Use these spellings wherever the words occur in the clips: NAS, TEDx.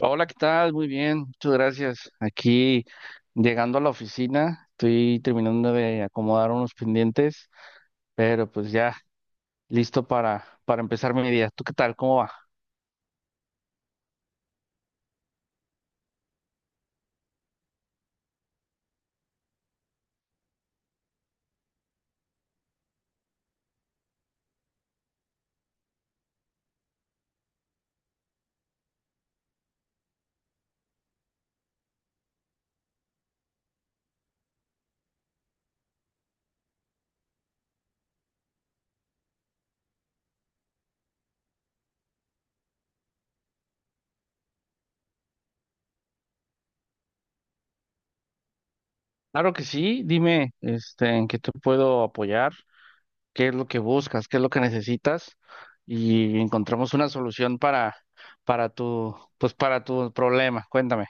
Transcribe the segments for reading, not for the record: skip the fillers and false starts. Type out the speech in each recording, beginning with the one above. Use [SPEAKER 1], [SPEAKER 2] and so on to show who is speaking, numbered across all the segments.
[SPEAKER 1] Hola, ¿qué tal? Muy bien, muchas gracias. Aquí llegando a la oficina, estoy terminando de acomodar unos pendientes, pero pues ya listo para empezar mi día. ¿Tú qué tal? ¿Cómo va? Claro que sí, dime, este, ¿en qué te puedo apoyar, qué es lo que buscas, qué es lo que necesitas y encontramos una solución para tu, pues para tu problema? Cuéntame.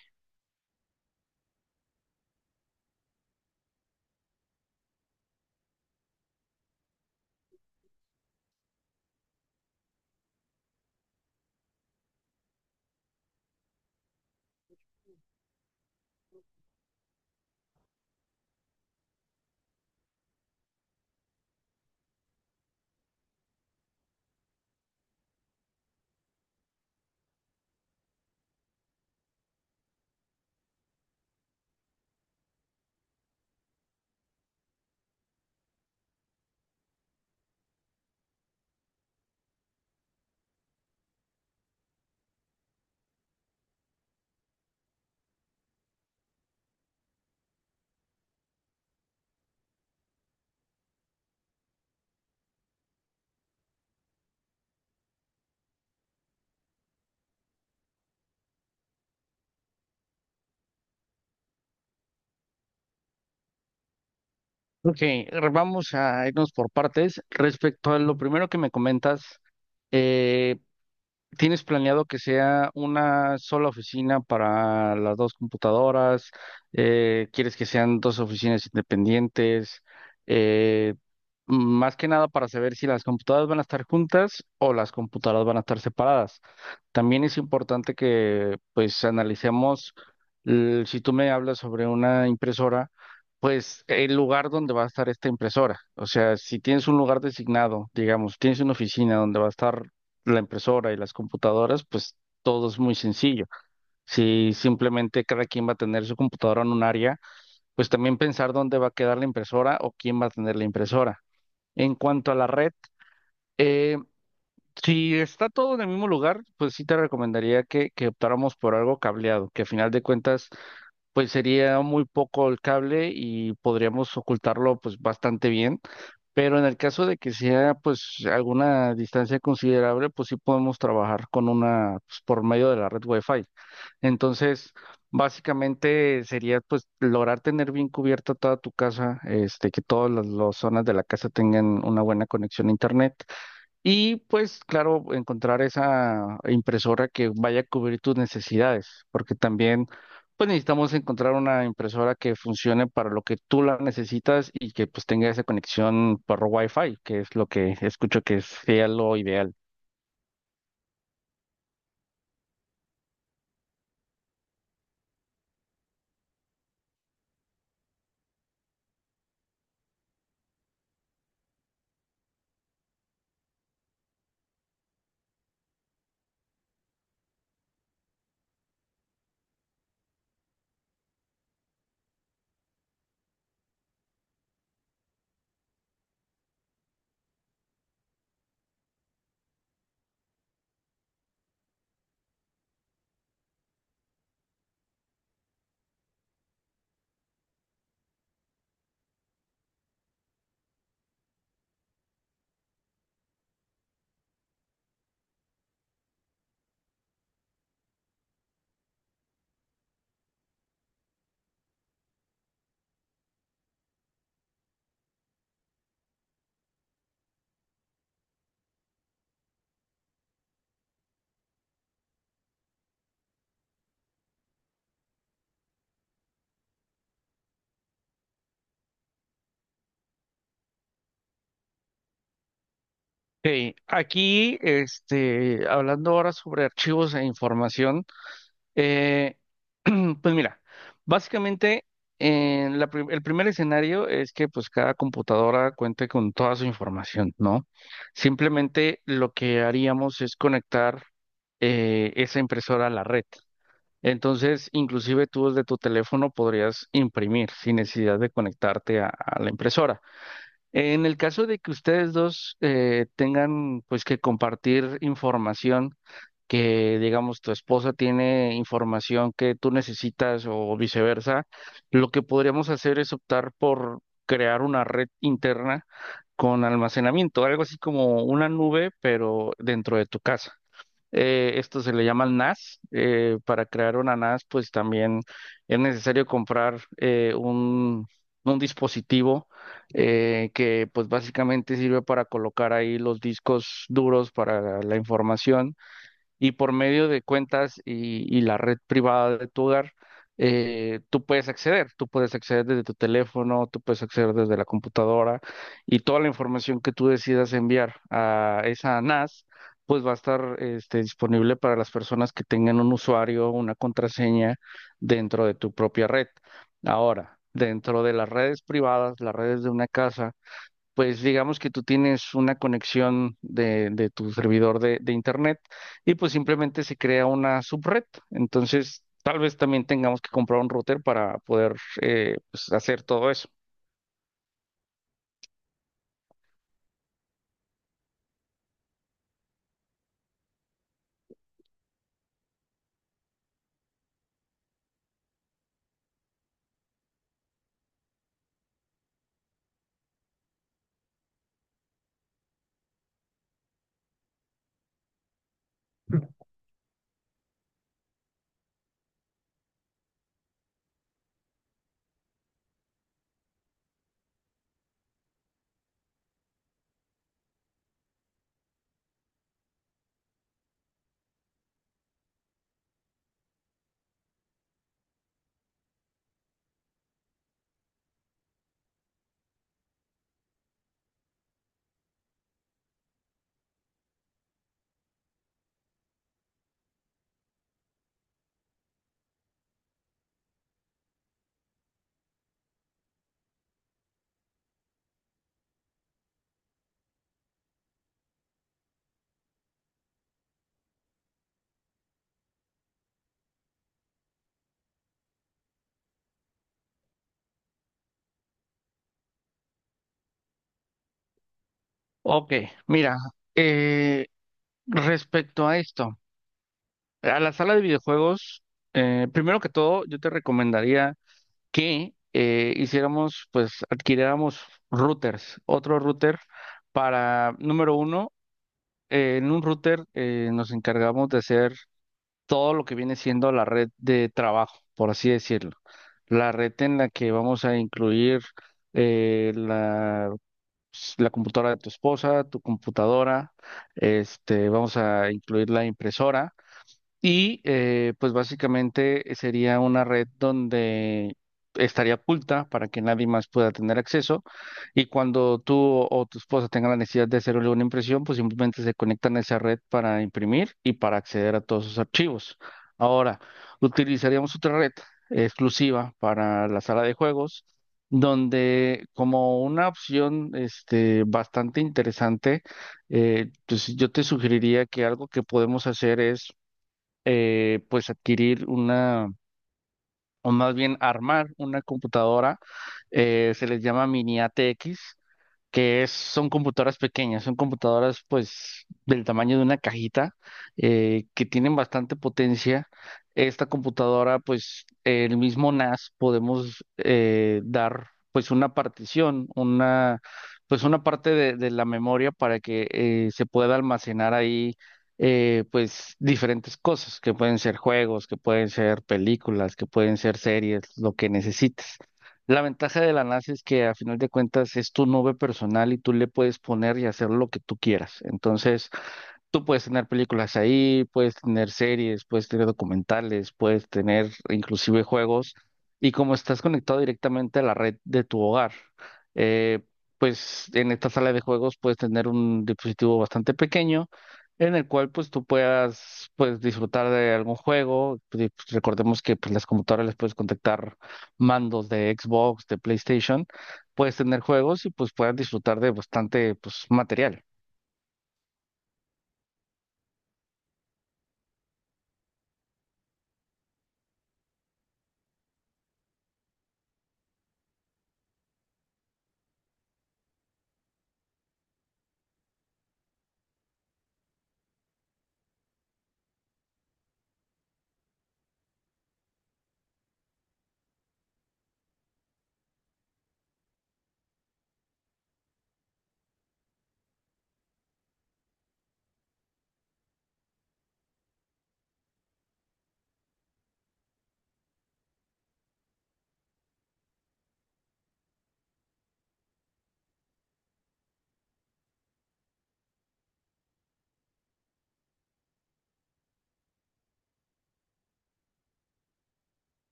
[SPEAKER 1] Ok, vamos a irnos por partes. Respecto a lo primero que me comentas, eh, ¿tienes planeado que sea una sola oficina para las dos computadoras? ¿Quieres que sean dos oficinas independientes? Eh, Más que nada para saber si las computadoras van a estar juntas o las computadoras van a estar separadas. También es importante que pues analicemos, si tú me hablas sobre una impresora, pues el lugar donde va a estar esta impresora. O sea, si tienes un lugar designado, digamos, tienes una oficina donde va a estar la impresora y las computadoras, pues todo es muy sencillo. Si simplemente cada quien va a tener su computadora en un área, pues también pensar dónde va a quedar la impresora o quién va a tener la impresora. En cuanto a la red, eh, si está todo en el mismo lugar, pues sí te recomendaría que optáramos por algo cableado, que a final de cuentas pues sería muy poco el cable y podríamos ocultarlo pues bastante bien. Pero en el caso de que sea pues alguna distancia considerable, pues sí podemos trabajar con una pues, por medio de la red Wi-Fi. Entonces, básicamente sería pues lograr tener bien cubierta toda tu casa, este, que todas las zonas de la casa tengan una buena conexión a internet y pues, claro, encontrar esa impresora que vaya a cubrir tus necesidades, porque también pues necesitamos encontrar una impresora que funcione para lo que tú la necesitas y que pues tenga esa conexión por Wi-Fi, que es lo que escucho que sea lo ideal. Sí. Aquí, este, hablando ahora sobre archivos e información. Eh, pues mira, básicamente en el primer escenario es que pues cada computadora cuente con toda su información, ¿no? Simplemente lo que haríamos es conectar esa impresora a la red. Entonces, inclusive tú desde tu teléfono podrías imprimir sin necesidad de conectarte a la impresora. En el caso de que ustedes dos tengan pues que compartir información, que digamos tu esposa tiene información que tú necesitas o viceversa, lo que podríamos hacer es optar por crear una red interna con almacenamiento, algo así como una nube, pero dentro de tu casa. Esto se le llama NAS. Para crear una NAS, pues también es necesario comprar un dispositivo que pues básicamente sirve para colocar ahí los discos duros para la información y por medio de cuentas y la red privada de tu hogar, tú puedes acceder desde tu teléfono, tú puedes acceder desde la computadora y toda la información que tú decidas enviar a esa NAS, pues va a estar este, disponible para las personas que tengan un usuario, una contraseña dentro de tu propia red. Ahora, dentro de las redes privadas, las redes de una casa, pues digamos que tú tienes una conexión de tu servidor de internet y pues simplemente se crea una subred. Entonces, tal vez también tengamos que comprar un router para poder pues, hacer todo eso. Ok, mira, eh, respecto a esto, a la sala de videojuegos, primero que todo, yo te recomendaría que hiciéramos, pues adquiriéramos routers, otro router para, número uno, en un router nos encargamos de hacer todo lo que viene siendo la red de trabajo, por así decirlo. La red en la que vamos a incluir eh, la, pues, la computadora de tu esposa, tu computadora, este, vamos a incluir la impresora. Y pues básicamente sería una red donde estaría oculta para que nadie más pueda tener acceso. Y cuando tú o tu esposa tengan la necesidad de hacerle una impresión, pues simplemente se conectan a esa red para imprimir y para acceder a todos sus archivos. Ahora, utilizaríamos otra red exclusiva para la sala de juegos, donde como una opción este, bastante interesante, pues yo te sugeriría que algo que podemos hacer es pues adquirir una, o más bien armar una computadora, se les llama mini ATX, que es, son computadoras pequeñas, son computadoras pues del tamaño de una cajita que tienen bastante potencia. Esta computadora pues el mismo NAS podemos dar pues una partición, una pues una parte de la memoria para que se pueda almacenar ahí pues diferentes cosas que pueden ser juegos, que pueden ser películas, que pueden ser series, lo que necesites. La ventaja de la NASA es que a final de cuentas es tu nube personal y tú le puedes poner y hacer lo que tú quieras. Entonces, tú puedes tener películas ahí, puedes tener series, puedes tener documentales, puedes tener inclusive juegos. Y como estás conectado directamente a la red de tu hogar, eh, pues en esta sala de juegos puedes tener un dispositivo bastante pequeño en el cual pues tú puedas pues disfrutar de algún juego. Pues, recordemos que pues las computadoras les puedes contactar mandos de Xbox, de PlayStation, puedes tener juegos y pues puedas disfrutar de bastante pues material.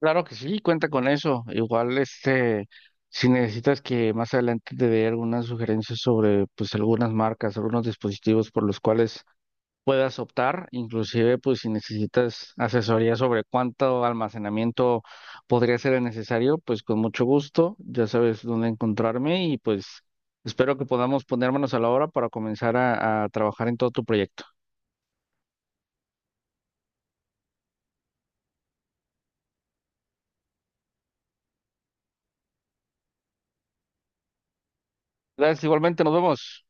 [SPEAKER 1] Claro que sí, cuenta con eso. Igual, este, si necesitas que más adelante te dé algunas sugerencias sobre, pues, algunas marcas, algunos dispositivos por los cuales puedas optar, inclusive, pues, si necesitas asesoría sobre cuánto almacenamiento podría ser el necesario, pues, con mucho gusto, ya sabes dónde encontrarme y, pues, espero que podamos ponérmonos a la obra para comenzar a trabajar en todo tu proyecto. Gracias, igualmente, nos vemos.